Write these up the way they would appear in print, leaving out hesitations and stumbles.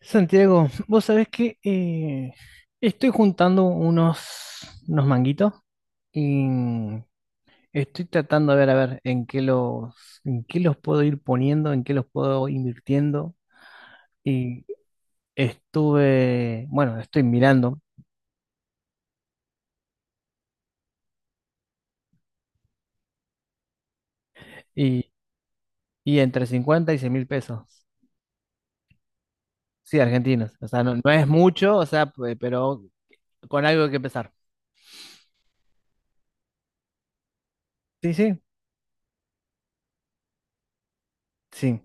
Santiago, vos sabés que estoy juntando unos manguitos y estoy tratando de ver, a ver, en qué los puedo ir poniendo, en qué los puedo invirtiendo. Y bueno, estoy mirando y, y entre 50 y 100 mil pesos. Sí, argentinos. O sea, no, no es mucho, o sea, pero con algo que empezar. Sí, sí, sí,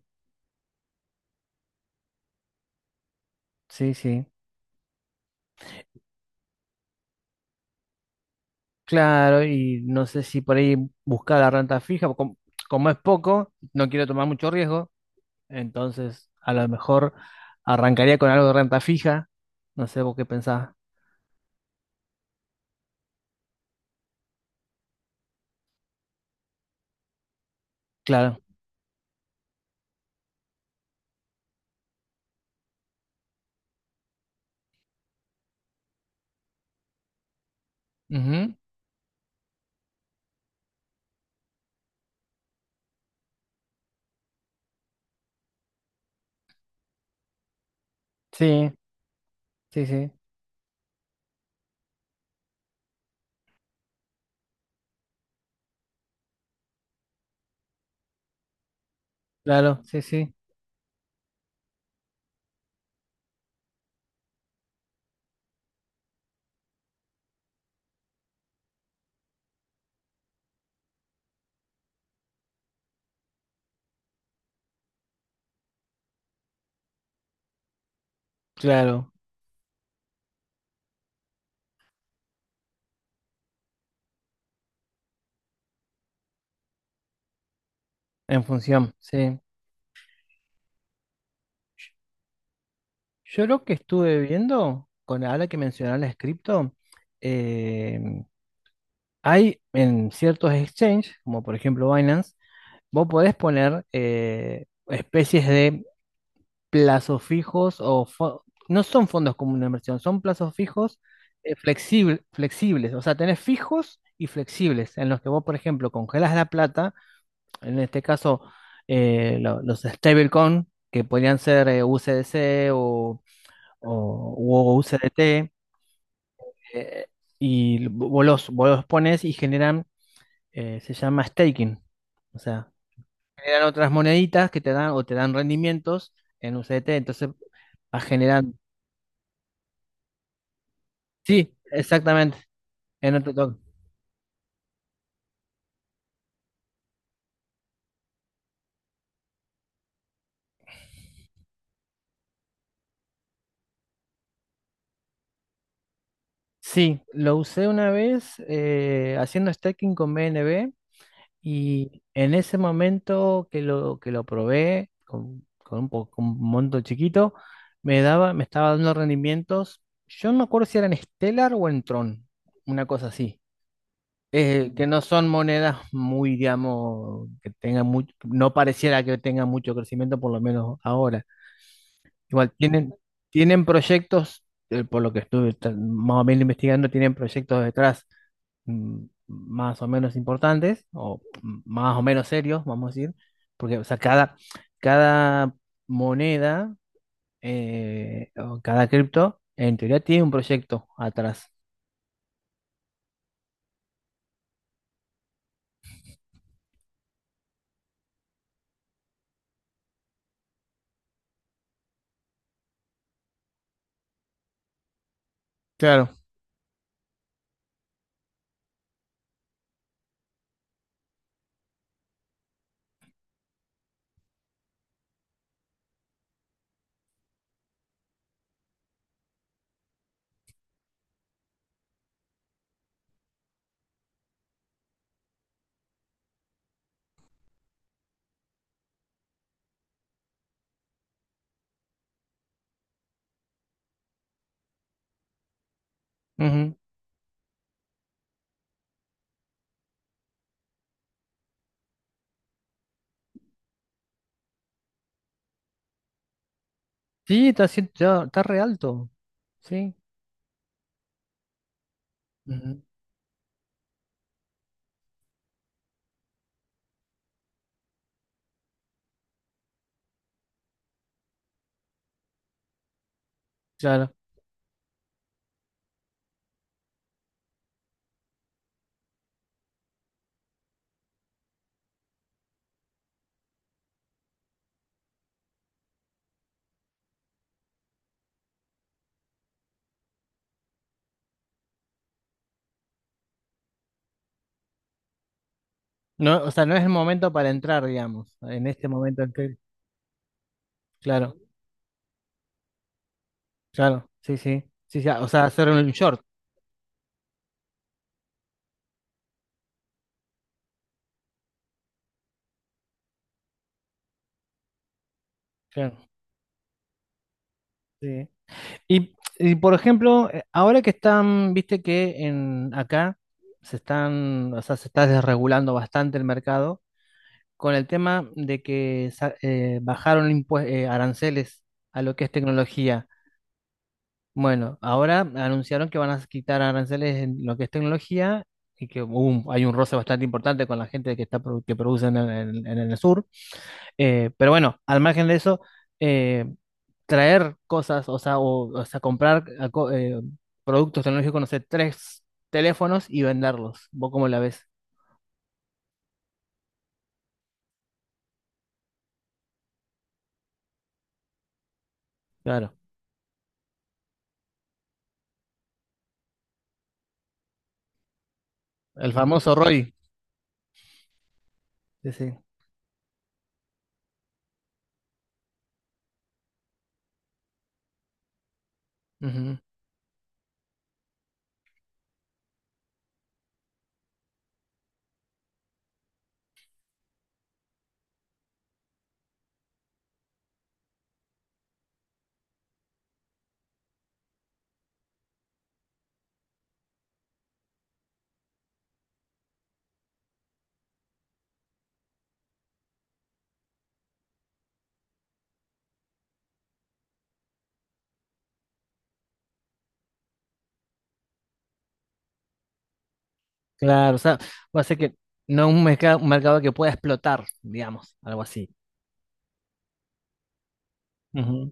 sí, sí. Claro, y no sé si por ahí buscar la renta fija, como es poco, no quiero tomar mucho riesgo, entonces a lo mejor arrancaría con algo de renta fija, no sé vos qué pensás, claro. Ujú. Sí, sí, sí, claro, sí, sí, claro, en función, sí. Yo lo que estuve viendo, con ahora que mencionar las cripto, eh, hay en ciertos exchanges, como por ejemplo Binance, vos podés poner especies de plazos fijos o no son fondos comunes de inversión, son plazos fijos flexibles. O sea, tenés fijos y flexibles en los que vos, por ejemplo, congelas la plata, en este caso los stablecoin, que podrían ser USDC o u USDT, eh, y vos los pones y generan, se llama staking. O sea, generan otras moneditas que te dan o te dan rendimientos en USDT. Entonces, va generando. Sí, exactamente. En otro toque. Sí, lo usé una vez haciendo stacking con BNB y en ese momento que lo probé con un monto chiquito, me estaba dando rendimientos. Yo no me acuerdo si eran Stellar o en Tron, una cosa así. Que no son monedas muy, digamos, que tengan mucho, no pareciera que tengan mucho crecimiento, por lo menos ahora. Igual tienen proyectos, por lo que estuve más o menos investigando, tienen proyectos detrás más o menos importantes, o más o menos serios, vamos a decir, porque o sea, cada moneda o cada cripto, en teoría, tiene un proyecto atrás. Claro. Ujú. Sí, está re alto. Sí. Ujú. Claro. No, o sea, no es el momento para entrar, digamos, en este momento en que, claro. Claro, sí, sí. Sí, sí, ah, o sea, hacer un short. Claro, sí. Y, y, por ejemplo, ahora que están, viste que en acá se están, o sea, se está desregulando bastante el mercado con el tema de que bajaron aranceles a lo que es tecnología. Bueno, ahora anunciaron que van a quitar aranceles en lo que es tecnología y que hay un roce bastante importante con la gente que está que produce en el sur. Pero bueno, al margen de eso, eh, traer cosas, o sea, o sea, comprar productos tecnológicos, no sé, tres teléfonos y venderlos. ¿Vos cómo la ves? Claro. El famoso Roy. Sí, sí. Ujú. Claro, o sea, va a ser que no un mercado que pueda explotar, digamos, algo así. Ujú.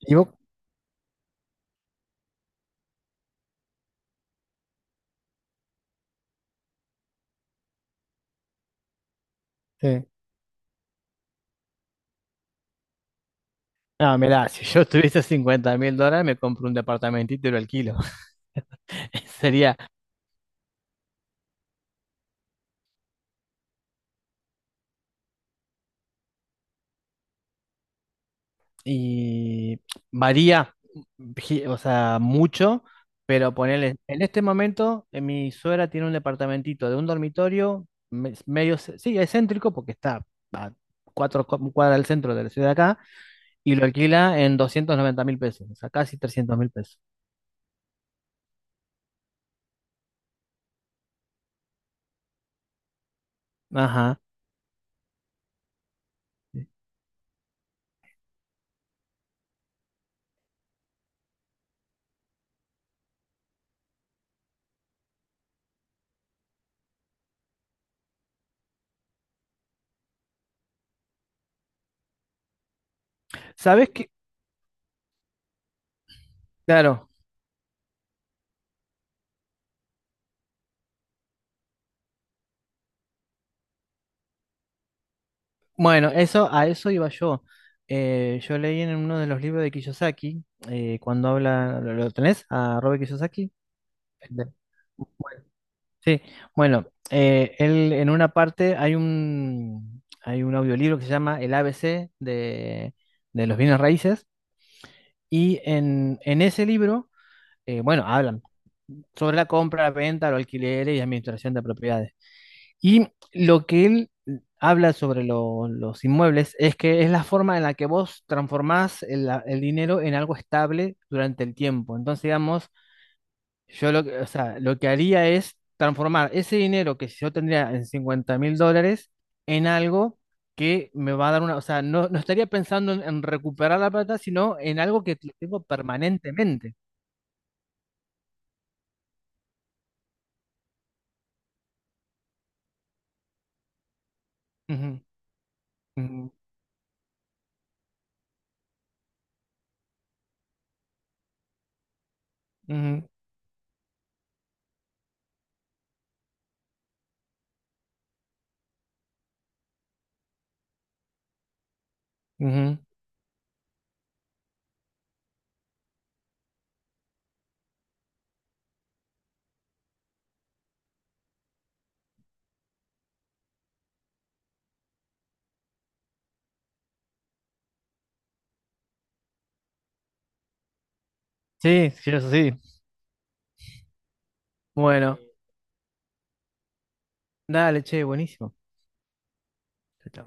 ¿Y vos? Sí. No, mirá, si yo tuviese 50.000 dólares, me compro un departamentito y lo alquilo. Sería. Y varía, o sea, mucho, pero ponele, en este momento mi suegra tiene un departamentito de un dormitorio, sí, es céntrico porque está cuatro cuadras del centro de la ciudad acá, y lo alquila en 290.000 pesos, o sea, casi 300.000 pesos. Ajá. ¿Sabes qué? Claro, bueno, a eso iba yo. Yo leí en uno de los libros de Kiyosaki, cuando habla, ¿lo tenés? A Robert Kiyosaki. de- Sí, bueno, él en una parte hay un audiolibro que se llama El ABC de los bienes raíces y en ese libro, bueno, hablan sobre la compra, la venta, los alquileres y administración de propiedades. Y lo que él habla sobre los inmuebles es que es la forma en la que vos transformás el dinero en algo estable durante el tiempo. Entonces, digamos, o sea, lo que haría es transformar ese dinero que yo tendría en 50.000 dólares en algo que me va a dar una, o sea, no, no estaría pensando en recuperar la plata, sino en algo que lo tengo permanentemente. Ujú, ujú, ujú, ujú. Sí, sí, eso sí. Bueno, dale, che, buenísimo.